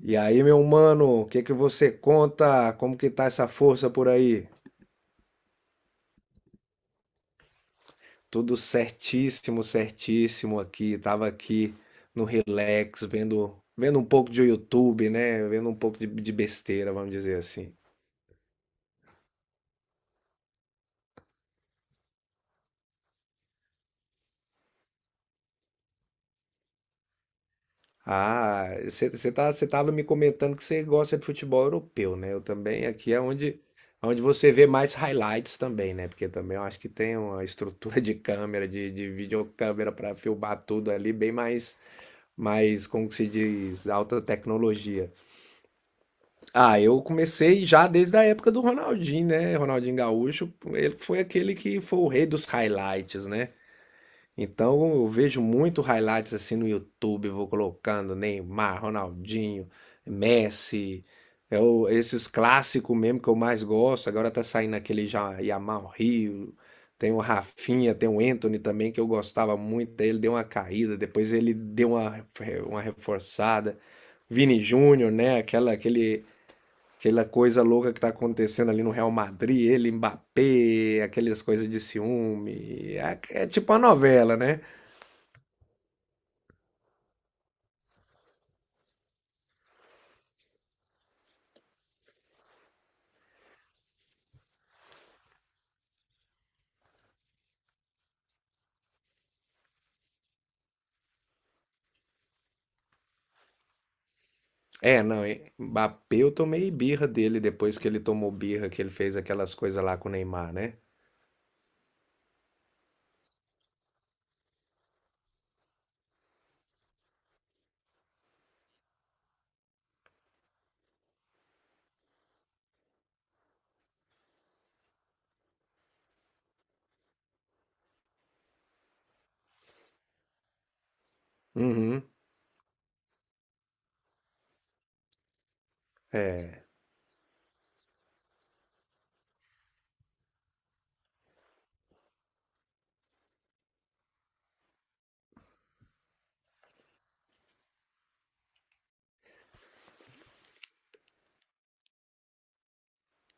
E aí, meu mano, o que que você conta? Como que tá essa força por aí? Tudo certíssimo, certíssimo aqui. Tava aqui no relax, vendo um pouco de YouTube, né? Vendo um pouco de besteira, vamos dizer assim. Ah, você tava me comentando que você gosta de futebol europeu, né? Eu também, aqui é onde você vê mais highlights também, né? Porque também eu acho que tem uma estrutura de câmera, de videocâmera para filmar tudo ali bem mais, como que se diz, alta tecnologia. Ah, eu comecei já desde a época do Ronaldinho, né? Ronaldinho Gaúcho, ele foi aquele que foi o rei dos highlights, né? Então eu vejo muito highlights assim no YouTube, vou colocando Neymar, Ronaldinho, Messi, esses clássicos mesmo que eu mais gosto. Agora tá saindo aquele já Yamal Rio, tem o Rafinha, tem o Anthony também que eu gostava muito. Ele deu uma caída, depois ele deu uma reforçada. Vini Júnior, né? Aquela coisa louca que tá acontecendo ali no Real Madrid, ele, Mbappé, aquelas coisas de ciúme. É tipo uma novela, né? É, não, Mbappé eu tomei birra dele depois que ele tomou birra, que ele fez aquelas coisas lá com o Neymar, né? Uhum.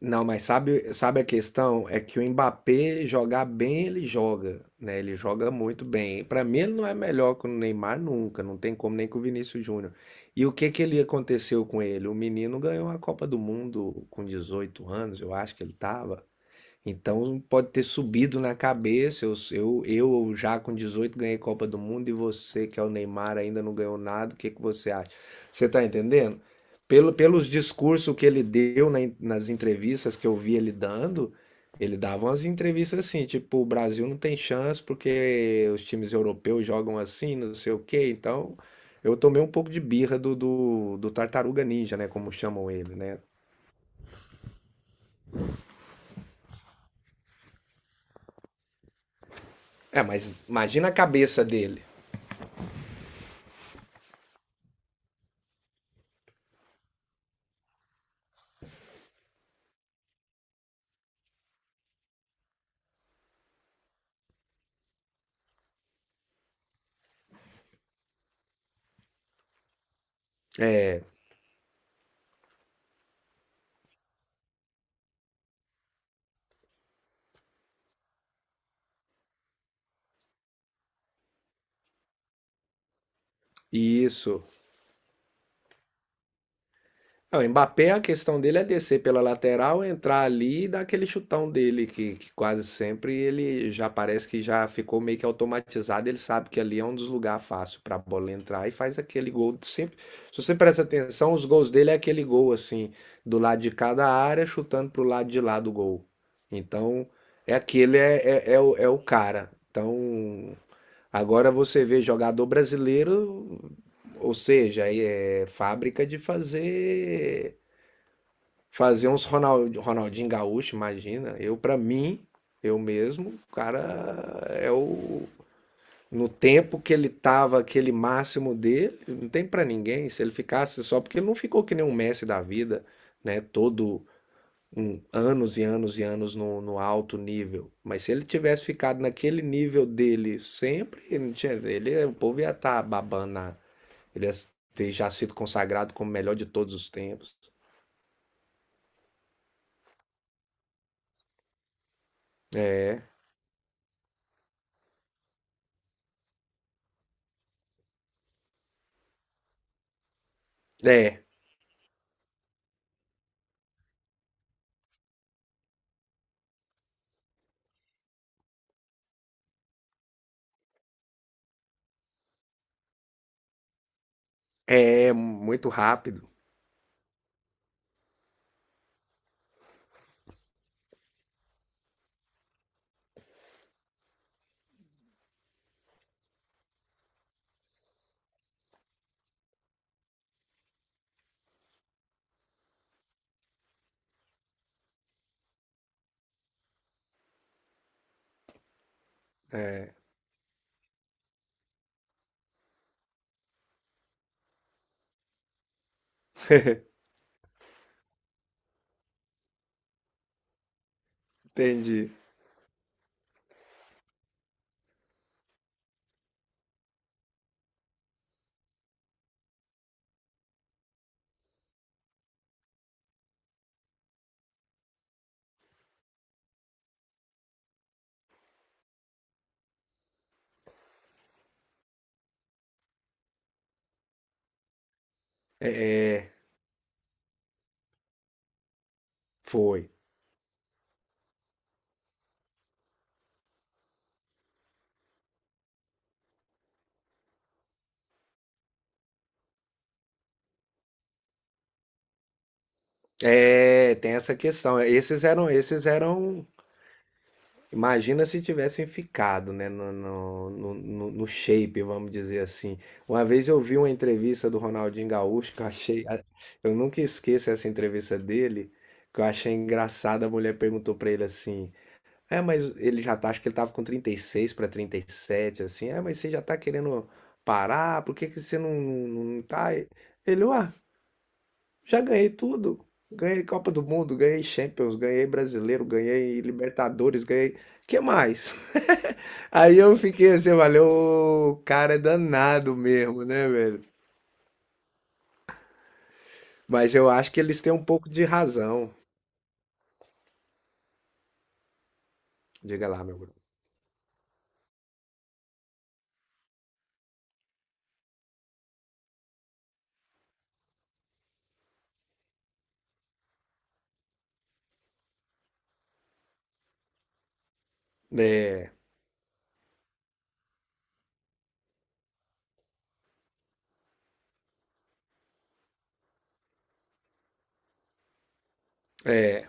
Não, mas sabe a questão? É que o Mbappé jogar bem, ele joga, né? Ele joga muito bem. Pra mim, ele não é melhor que o Neymar nunca, não tem como nem com o Vinícius Júnior. E o que que ele aconteceu com ele? O menino ganhou a Copa do Mundo com 18 anos, eu acho que ele tava. Então pode ter subido na cabeça. Eu já com 18 ganhei Copa do Mundo e você, que é o Neymar, ainda não ganhou nada. O que que você acha? Você tá entendendo? Pelos discursos que ele deu nas entrevistas que eu vi ele dando, ele dava umas entrevistas assim, tipo, o Brasil não tem chance porque os times europeus jogam assim, não sei o quê. Então eu tomei um pouco de birra do Tartaruga Ninja, né? Como chamam ele, né? É, mas imagina a cabeça dele. É, isso. Ah, o Mbappé, a questão dele é descer pela lateral, entrar ali e dar aquele chutão dele, que quase sempre ele já parece que já ficou meio que automatizado. Ele sabe que ali é um dos lugares fáceil para a bola entrar e faz aquele gol. Sempre, se você presta atenção, os gols dele é aquele gol assim, do lado de cada área, chutando pro lado de lá do gol. Então, é aquele, é, é, é o, é o cara. Então, agora você vê jogador brasileiro, ou seja, é fábrica de fazer uns Ronaldinho Gaúcho, imagina. Eu, para mim, eu mesmo, o cara é o no tempo que ele tava aquele máximo dele, não tem pra ninguém. Se ele ficasse só porque ele não ficou que nem um Messi da vida, né? Todo anos e anos e anos no alto nível. Mas se ele tivesse ficado naquele nível dele sempre, ele não tinha- ele- o povo ia estar babando. Ele ia ter já sido consagrado como o melhor de todos os tempos. É, é, é, muito rápido. É, entendi. É, foi. É, tem essa questão. Esses eram. Imagina se tivessem ficado, né, no shape, vamos dizer assim. Uma vez eu vi uma entrevista do Ronaldinho Gaúcho que eu achei. Eu nunca esqueço essa entrevista dele, que eu achei engraçada. A mulher perguntou pra ele assim: é, mas ele já tá, acho que ele tava com 36 para sete, assim. É, mas você já tá querendo parar? Por que que você não tá? Ele, ué, já ganhei tudo. Ganhei Copa do Mundo, ganhei Champions, ganhei Brasileiro, ganhei Libertadores, ganhei. Que mais? Aí eu fiquei assim, valeu, o cara é danado mesmo, né, velho? Mas eu acho que eles têm um pouco de razão. Diga lá, meu Bruno. É, é,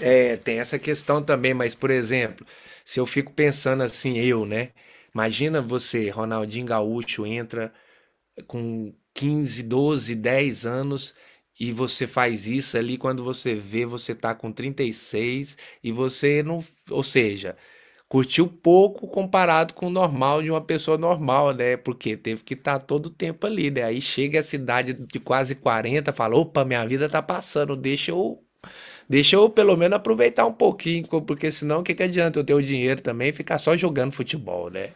é, tem essa questão também, mas por exemplo, se eu fico pensando assim, eu, né? Imagina você, Ronaldinho Gaúcho, entra com 15, 12, 10 anos e você faz isso ali quando você vê, você tá com 36 e você não, ou seja, curtiu pouco comparado com o normal de uma pessoa normal, né? Porque teve que estar todo o tempo ali, né? Aí chega a cidade de quase 40 fala: opa, minha vida tá passando, deixa eu pelo menos aproveitar um pouquinho, porque senão o que que adianta eu ter o dinheiro também e ficar só jogando futebol, né?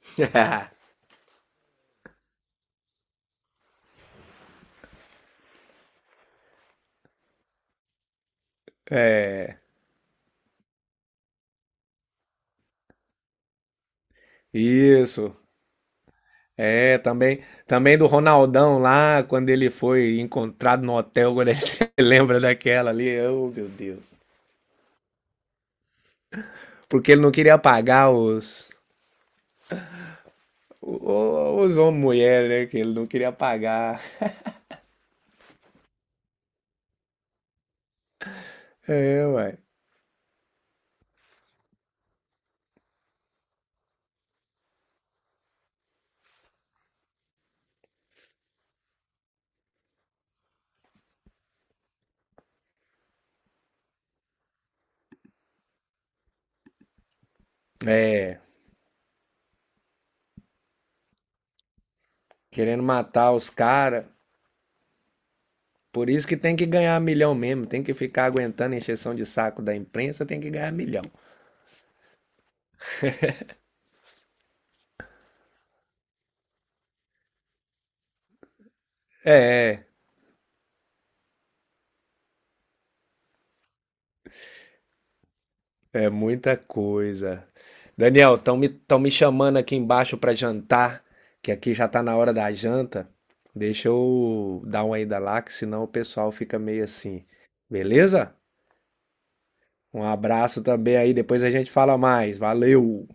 Isso. É, também do Ronaldão lá, quando ele foi encontrado no hotel, quando ele lembra daquela ali, oh meu Deus. Porque ele não queria pagar . Usou uma mulher, né? Que ele não queria pagar. É, ué. É, querendo matar os caras. Por isso que tem que ganhar milhão mesmo. Tem que ficar aguentando a encheção de saco da imprensa, tem que ganhar milhão. É, é muita coisa. Daniel, tão me chamando aqui embaixo para jantar, que aqui já tá na hora da janta. Deixa eu dar uma ida lá, que senão o pessoal fica meio assim. Beleza? Um abraço também aí, depois a gente fala mais. Valeu!